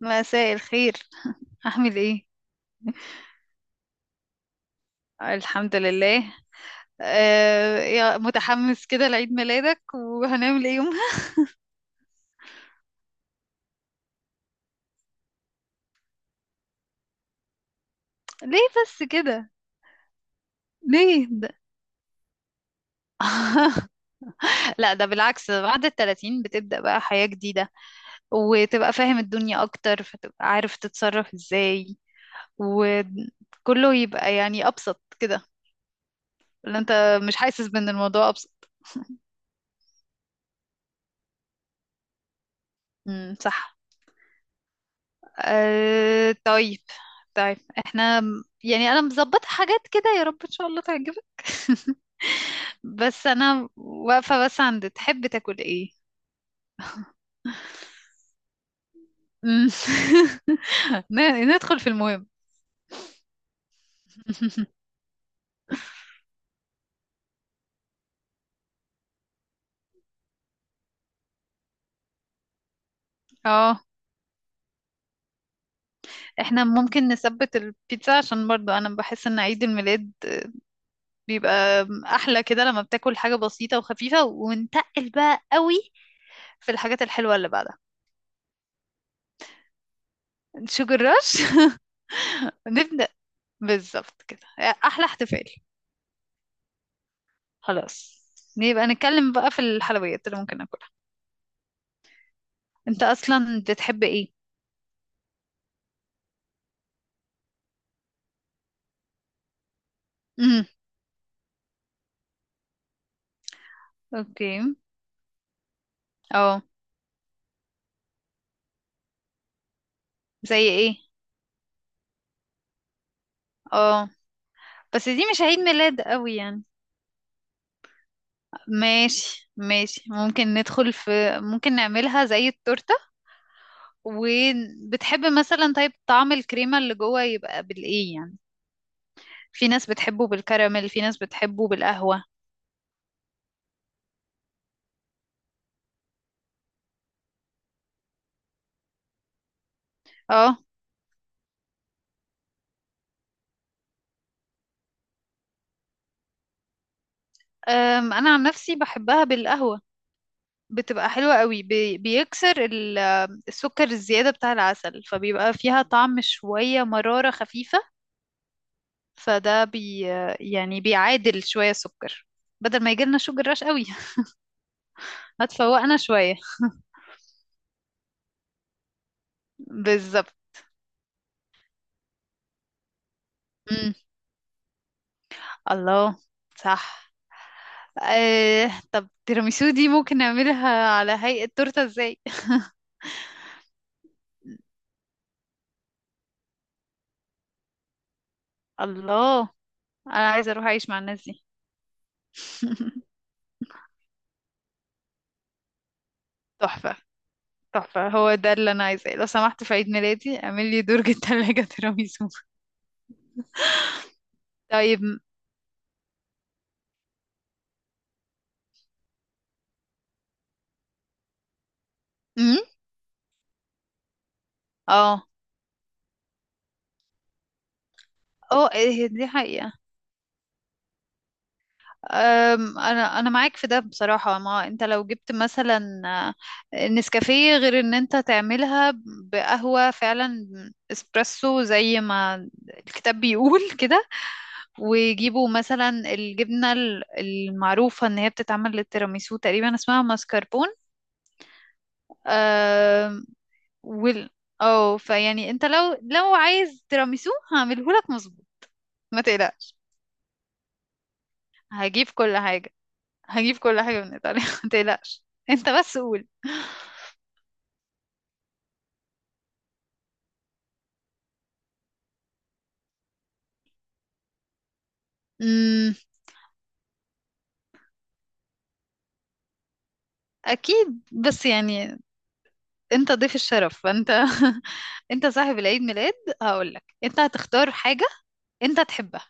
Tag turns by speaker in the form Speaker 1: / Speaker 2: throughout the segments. Speaker 1: مساء الخير. أعمل إيه؟ الحمد لله. آه يا متحمس كده لعيد ميلادك، وهنعمل إيه يومها؟ ليه بس كده؟ ليه ده؟ لا، ده بالعكس، بعد التلاتين بتبدأ بقى حياة جديدة، وتبقى فاهم الدنيا أكتر، فتبقى عارف تتصرف إزاي، وكله يبقى يعني أبسط كده. اللي أنت مش حاسس بأن الموضوع أبسط. امم، صح. أه، طيب. طيب. احنا، يعني انا مظبطة حاجات كده، يا رب ان شاء الله تعجبك. بس انا واقفة بس عند تحب تاكل ايه؟ مم. ندخل في المهم. اه. احنا ممكن نثبت البيتزا، عشان برضو انا بحس ان عيد الميلاد بيبقى احلى كده لما بتاكل حاجة بسيطة وخفيفة، ونتقل بقى قوي في الحاجات الحلوة اللي بعدها. شوجر رش. نبدأ. بالظبط كده احلى احتفال. خلاص. نبقى نتكلم بقى في الحلويات اللي ممكن ناكلها. انت اصلا بتحب ايه؟ امم. اوكي. اه. زي ايه؟ اه. بس دي مش عيد ميلاد قوي يعني. ماشي ماشي، ممكن ندخل في، ممكن نعملها زي التورتة. وبتحب مثلا طيب طعم الكريمة اللي جوه يبقى بالايه يعني؟ في ناس بتحبه بالكراميل، في ناس بتحبه بالقهوة. اه. انا عن نفسي بحبها بالقهوة. بتبقى حلوة قوي، بيكسر السكر الزيادة بتاع العسل، فبيبقى فيها طعم شوية مرارة خفيفة. فده يعني بيعادل شوية السكر، بدل ما يجيلنا شوجر رش قوي. هتفوقنا شوية. بالظبط. مم. الله. صح. طب تيراميسو دي ممكن نعملها على هيئة تورتة ازاي؟ الله. انا عايزة اروح اعيش مع الناس دي. تحفة، تحفة هو ده اللي أنا عايزاه، لو سمحت في عيد ميلادي اعمل لي درج التلاجة تيراميسو. طيب. امم. اه. اه، إيه دي حقيقة. انا معاك في ده بصراحة، ما انت لو جبت مثلا نسكافيه، غير ان انت تعملها بقهوة فعلا اسبريسو زي ما الكتاب بيقول كده. ويجيبوا مثلا الجبنة المعروفة ان هي بتتعمل للتيراميسو، تقريبا اسمها ماسكربون. وال اه، فيعني انت لو عايز تيراميسو هعمله لك مظبوط، ما تقلقش. هجيب كل حاجة هجيب كل حاجة من ايطاليا. ما تقلقش، انت بس قول. امم. اكيد، بس يعني انت ضيف الشرف، فانت انت صاحب العيد ميلاد. هقول لك انت هتختار حاجة انت تحبها،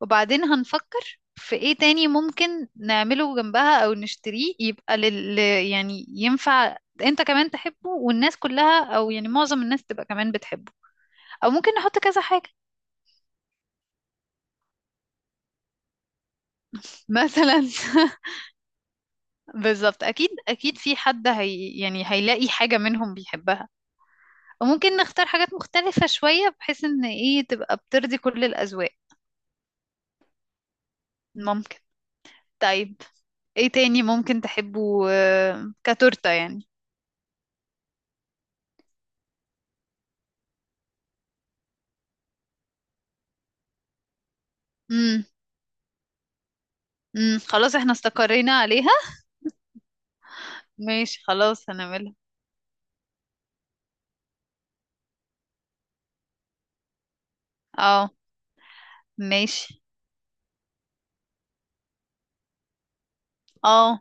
Speaker 1: وبعدين هنفكر في ايه تاني ممكن نعمله جنبها او نشتريه يبقى يعني ينفع انت كمان تحبه والناس كلها، او يعني معظم الناس تبقى كمان بتحبه. او ممكن نحط كذا حاجة. مثلا. بالظبط، اكيد اكيد في حد هي يعني هيلاقي حاجة منهم بيحبها. وممكن نختار حاجات مختلفة شوية، بحيث ان ايه تبقى بترضي كل الاذواق. ممكن. طيب. ايه تاني ممكن تحبه كتورتة يعني؟ امم، امم، خلاص احنا استقرينا عليها. ماشي، خلاص هنعملها. اه. ماشي. اه.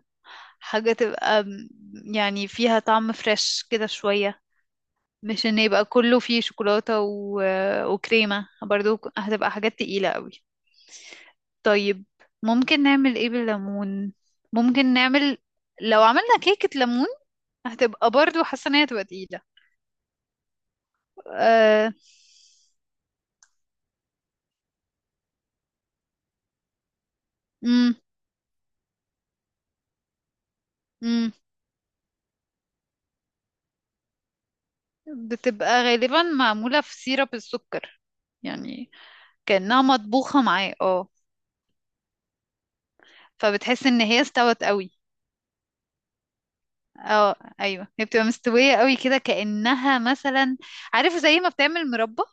Speaker 1: حاجة تبقى يعني فيها طعم فريش كده شوية، مش ان يبقى كله فيه شوكولاتة وكريمة برضو، هتبقى حاجات تقيلة قوي. طيب. ممكن نعمل ايه بالليمون؟ ممكن نعمل لو عملنا كيكة ليمون، هتبقى برضو حاسة ان هي هتبقى تقيلة. آه... مم. مم. بتبقى غالبا معمولة في سيرب السكر، يعني كأنها مطبوخة معاه، اه. فبتحس ان هي استوت قوي. اه ايوه، هي بتبقى مستوية قوي كده، كأنها مثلا، عارف زي ما بتعمل مربى.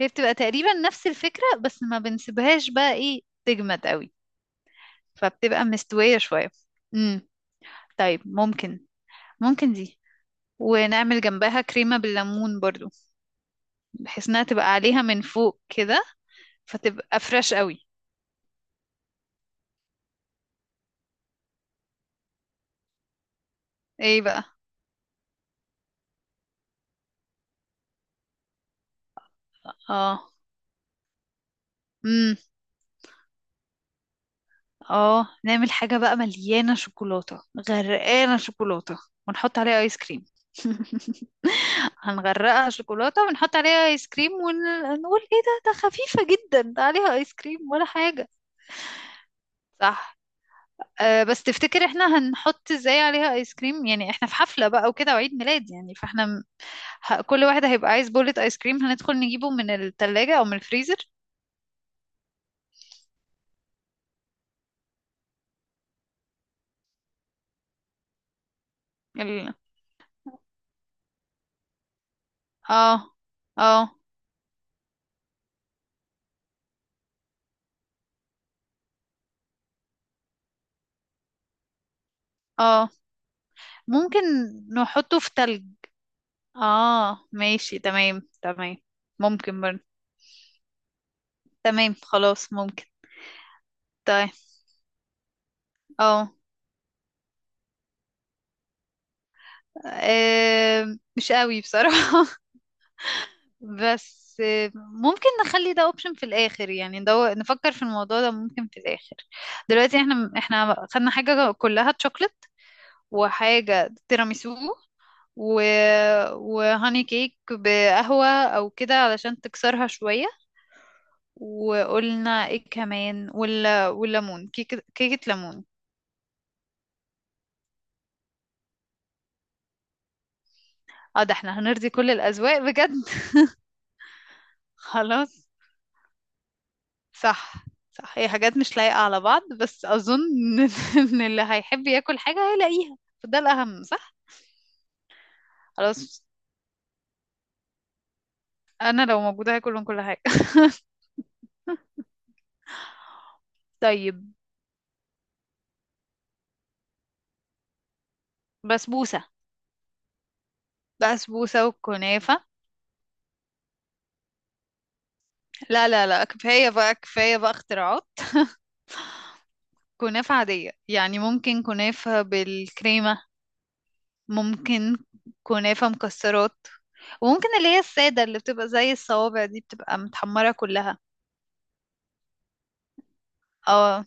Speaker 1: هي بتبقى تقريبا نفس الفكرة، بس ما بنسيبهاش بقى ايه تجمد قوي، فبتبقى مستوية شوية. امم. طيب ممكن دي، ونعمل جنبها كريمة بالليمون برضو، بحيث انها تبقى عليها من فوق كده، فتبقى فريش قوي. ايه بقى؟ اه. امم. اه. نعمل حاجة بقى مليانة شوكولاتة، غرقانة شوكولاتة، ونحط عليها ايس كريم. هنغرقها شوكولاتة، ونحط عليها ايس كريم، ونقول ايه ده، ده خفيفة جدا، ده عليها ايس كريم ولا حاجة. صح. أه، بس تفتكر احنا هنحط ازاي عليها ايس كريم؟ يعني احنا في حفلة بقى وكده، وعيد ميلاد يعني، فاحنا كل واحد هيبقى عايز بولة ايس كريم، هندخل نجيبه من التلاجة او من الفريزر. ال... اه. اه. اه. ممكن نحطه في تلج. اه، ماشي، تمام تمام. ممكن برضه. تمام خلاص ممكن. طيب. اه. مش قوي بصراحة. بس ممكن نخلي ده اوبشن في الاخر، يعني نفكر في الموضوع ده ممكن في الاخر. دلوقتي احنا خدنا حاجة كلها تشوكلت، وحاجة تيراميسو و... وهاني كيك بقهوة او كده علشان تكسرها شوية. وقلنا ايه كمان، ولا والليمون كيكة ليمون؟ اه، ده احنا هنرضي كل الأذواق بجد. خلاص. صح. صح، هي حاجات مش لايقة على بعض، بس أظن إن إن اللي هيحب ياكل حاجة هيلاقيها، فده الأهم، صح؟ خلاص. أنا لو موجودة هاكل من كل حاجة. طيب. بسبوسة. بسبوسة وكنافة. لا لا لا، كفاية بقى كفاية بقى اختراعات. كنافة عادية يعني، ممكن كنافة بالكريمة. ممكن. كنافة مكسرات. وممكن اللي هي السادة، اللي بتبقى زي الصوابع دي، بتبقى متحمرة كلها. اه.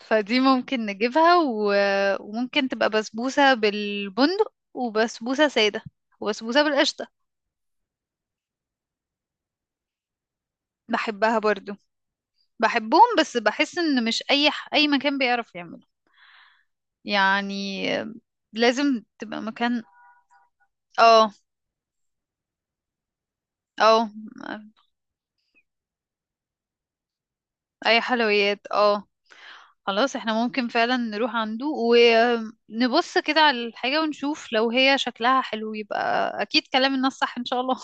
Speaker 1: فدي ممكن نجيبها، وممكن تبقى بسبوسة بالبندق، وبسبوسة سادة، وبسبوسة بالقشطة. بحبها برضو. بحبهم، بس بحس ان مش اي مكان بيعرف يعمله يعني. لازم تبقى مكان. اه. اه. اي حلويات، اه. خلاص، احنا ممكن فعلا نروح عنده، ونبص كده على الحاجة، ونشوف لو هي شكلها حلو، يبقى اكيد كلام الناس صح ان شاء الله.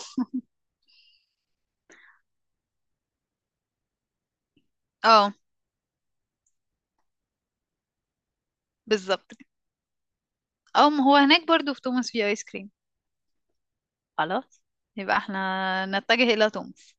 Speaker 1: اه. بالظبط. اه ما هو هناك برضو في توماس في ايس كريم. خلاص. يبقى احنا نتجه إلى تونس.